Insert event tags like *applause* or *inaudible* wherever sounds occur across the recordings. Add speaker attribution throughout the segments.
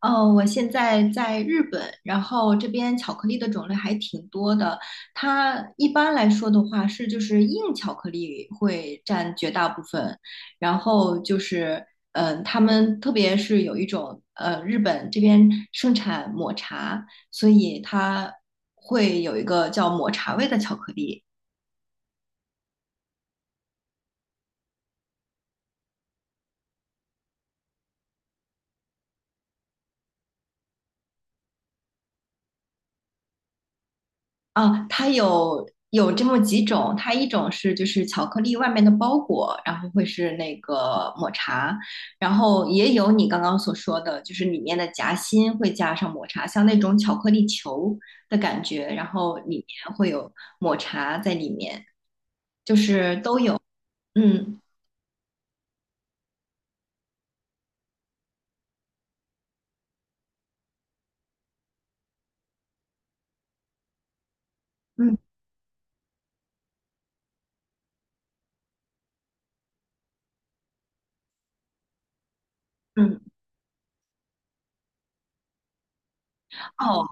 Speaker 1: 哦，我现在在日本，然后这边巧克力的种类还挺多的。它一般来说的话是就是硬巧克力会占绝大部分，然后就是他们特别是有一种日本这边盛产抹茶，所以它会有一个叫抹茶味的巧克力。啊，它有这么几种，它一种是就是巧克力外面的包裹，然后会是那个抹茶，然后也有你刚刚所说的，就是里面的夹心会加上抹茶，像那种巧克力球的感觉，然后里面会有抹茶在里面。嗯嗯嗯，哦，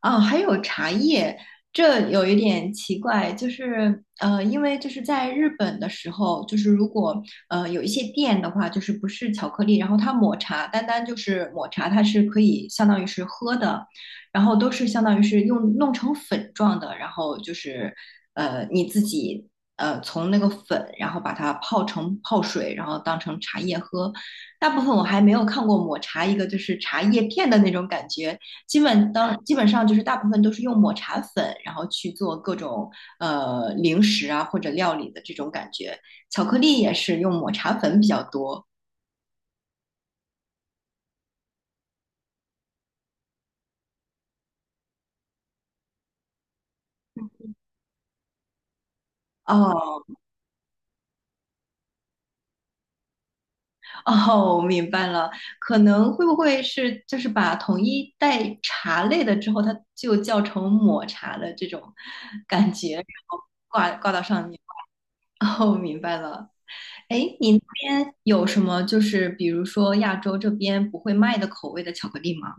Speaker 1: 啊，还有茶叶，这有一点奇怪，就是因为就是在日本的时候，就是如果有一些店的话，就是不是巧克力，然后它抹茶，单单就是抹茶，它是可以相当于是喝的，然后都是相当于是用弄成粉状的，然后就是你自己从那个粉，然后把它泡成泡水，然后当成茶叶喝。大部分我还没有看过抹茶一个就是茶叶片的那种感觉。基本上就是大部分都是用抹茶粉，然后去做各种零食啊或者料理的这种感觉。巧克力也是用抹茶粉比较多。哦哦，我明白了，可能会不会是就是把统一带茶类的之后，它就叫成抹茶的这种感觉，然后挂到上面。哦，明白了。哎，你那边有什么就是比如说亚洲这边不会卖的口味的巧克力吗？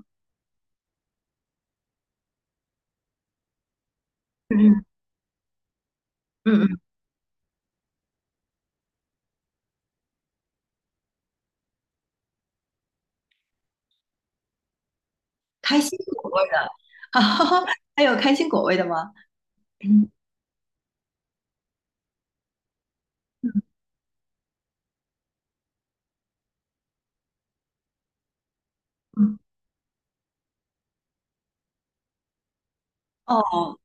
Speaker 1: 嗯嗯嗯嗯。开心果味的，*laughs* 啊，还有开心果味的吗？嗯嗯，哦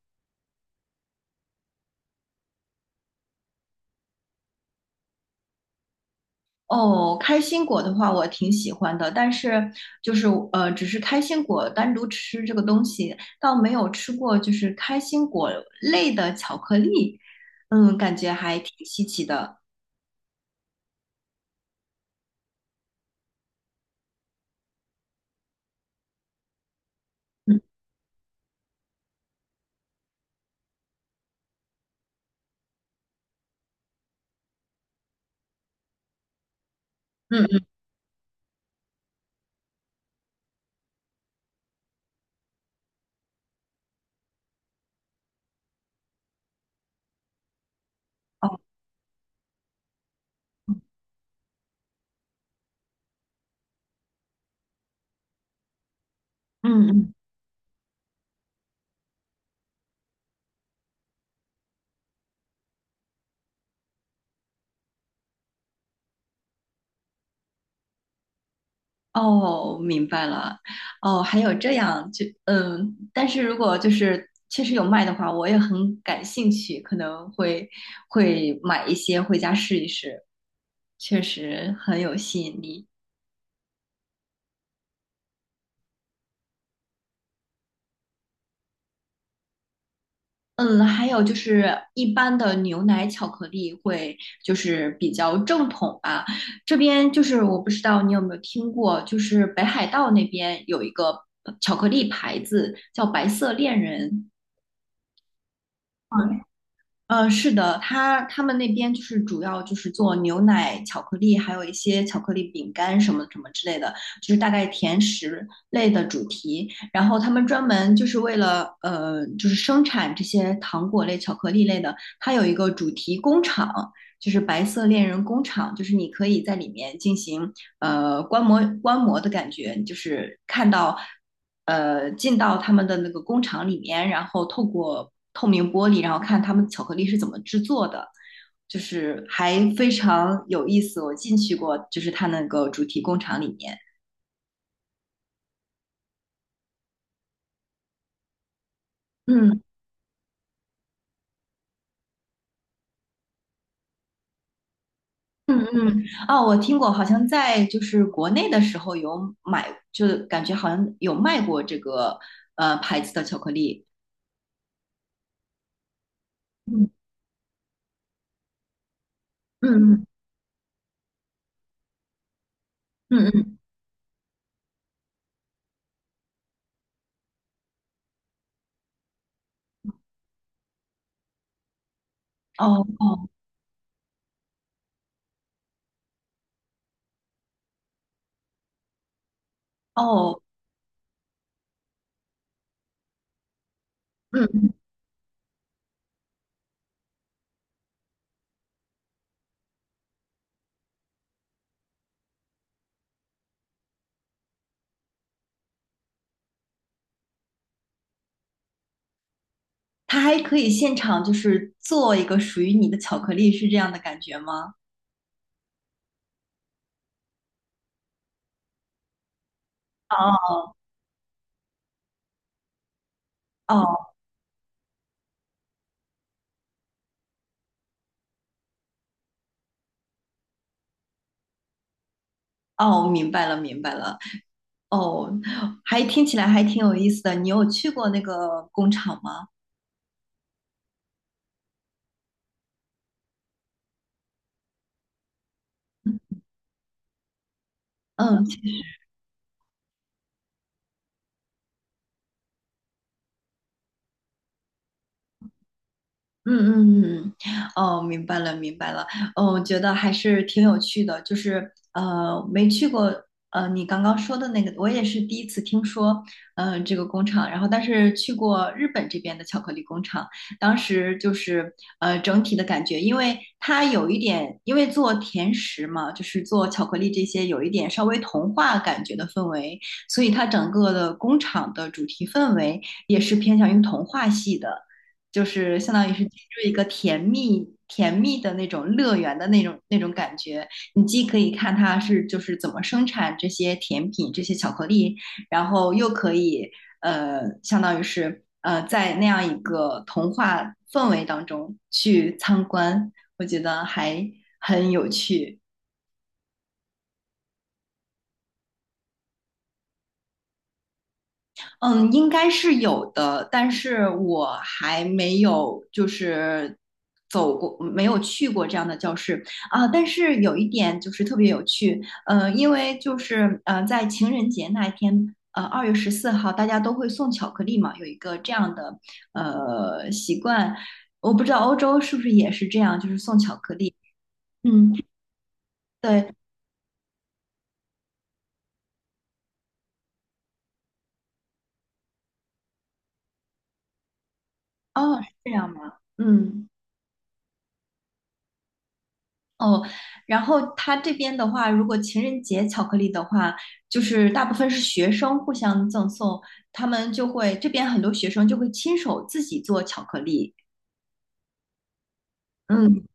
Speaker 1: 哦，开心果的话我挺喜欢的，但是就是只是开心果单独吃这个东西，倒没有吃过就是开心果类的巧克力，嗯，感觉还挺稀奇的。嗯嗯嗯，哦，嗯嗯。哦，明白了。哦，还有这样，但是如果就是确实有卖的话，我也很感兴趣，可能会买一些回家试一试，确实很有吸引力。嗯，还有就是一般的牛奶巧克力会就是比较正统吧，这边就是我不知道你有没有听过，就是北海道那边有一个巧克力牌子叫白色恋人。是的，他们那边就是主要就是做牛奶、巧克力，还有一些巧克力饼干什么什么之类的，就是大概甜食类的主题。然后他们专门就是为了就是生产这些糖果类、巧克力类的，它有一个主题工厂，就是白色恋人工厂，就是你可以在里面进行观摩观摩的感觉，就是看到。进到他们的那个工厂里面，然后透过透明玻璃，然后看他们巧克力是怎么制作的，就是还非常有意思。我进去过，就是他那个主题工厂里面，嗯。嗯嗯，哦，我听过，好像在就是国内的时候有买，就感觉好像有卖过这个牌子的巧克力。嗯嗯嗯嗯嗯，哦哦哦，嗯，它还可以现场就是做一个属于你的巧克力，是这样的感觉吗？哦哦哦，明白了明白了，哦，还听起来还挺有意思的。你有去过那个工厂吗？嗯，嗯嗯嗯，嗯哦，明白了明白了，哦，我觉得还是挺有趣的，就是没去过，你刚刚说的那个，我也是第一次听说，这个工厂，然后但是去过日本这边的巧克力工厂，当时就是整体的感觉，因为它有一点，因为做甜食嘛，就是做巧克力这些，有一点稍微童话感觉的氛围，所以它整个的工厂的主题氛围也是偏向于童话系的。就是相当于是进入一个甜蜜甜蜜的那种乐园的那种感觉。你既可以看它是就是怎么生产这些甜品、这些巧克力，然后又可以相当于是在那样一个童话氛围当中去参观，我觉得还很有趣。嗯，应该是有的，但是我还没有就是走过，没有去过这样的教室啊。但是有一点就是特别有趣，因为就是在情人节那一天，2月14号，大家都会送巧克力嘛，有一个这样的习惯，我不知道欧洲是不是也是这样，就是送巧克力。嗯，对，哦，是这样吗？嗯。哦，然后他这边的话，如果情人节巧克力的话，就是大部分是学生互相赠送，他们就会，这边很多学生就会亲手自己做巧克力。嗯，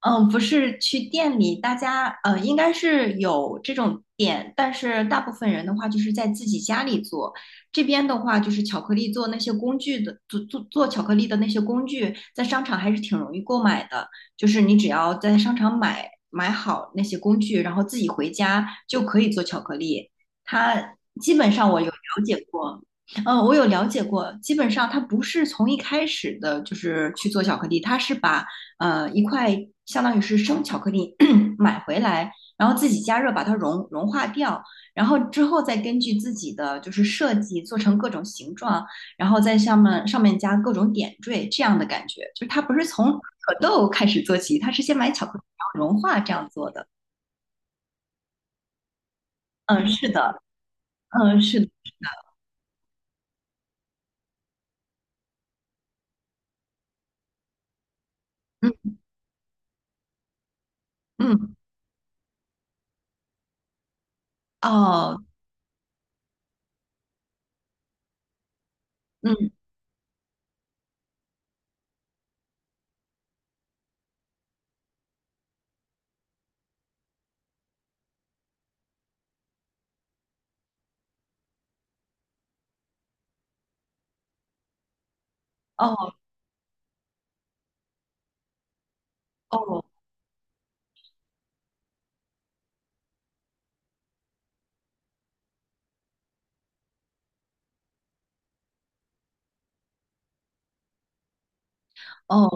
Speaker 1: 嗯，不是去店里，大家应该是有这种店，但是大部分人的话就是在自己家里做。这边的话就是巧克力做那些工具的，做巧克力的那些工具，在商场还是挺容易购买的。就是你只要在商场买好那些工具，然后自己回家就可以做巧克力。它基本上我有了解过。嗯，我有了解过，基本上它不是从一开始的，就是去做巧克力，它是把一块相当于是生巧克力 *clears throat* *coughs* 买回来，然后自己加热把它融化掉，然后之后再根据自己的就是设计做成各种形状，然后在上面加各种点缀这样的感觉，就是它不是从可豆开始做起，它是先买巧克力然后融化这样做的。嗯，是的，嗯，是的，嗯嗯，哦，嗯哦哦。哦。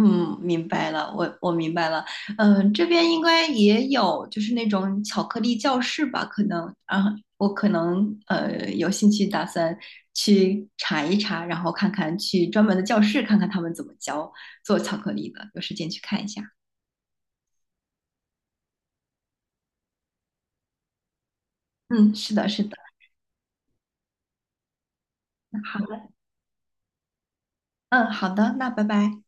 Speaker 1: 嗯，明白了，我明白了。嗯，这边应该也有，就是那种巧克力教室吧，可能啊，我可能有兴趣，打算去查一查，然后看看去专门的教室看看他们怎么教做巧克力的，有时间去看一下。嗯，是的，是的。那好的，嗯，好的，那拜拜。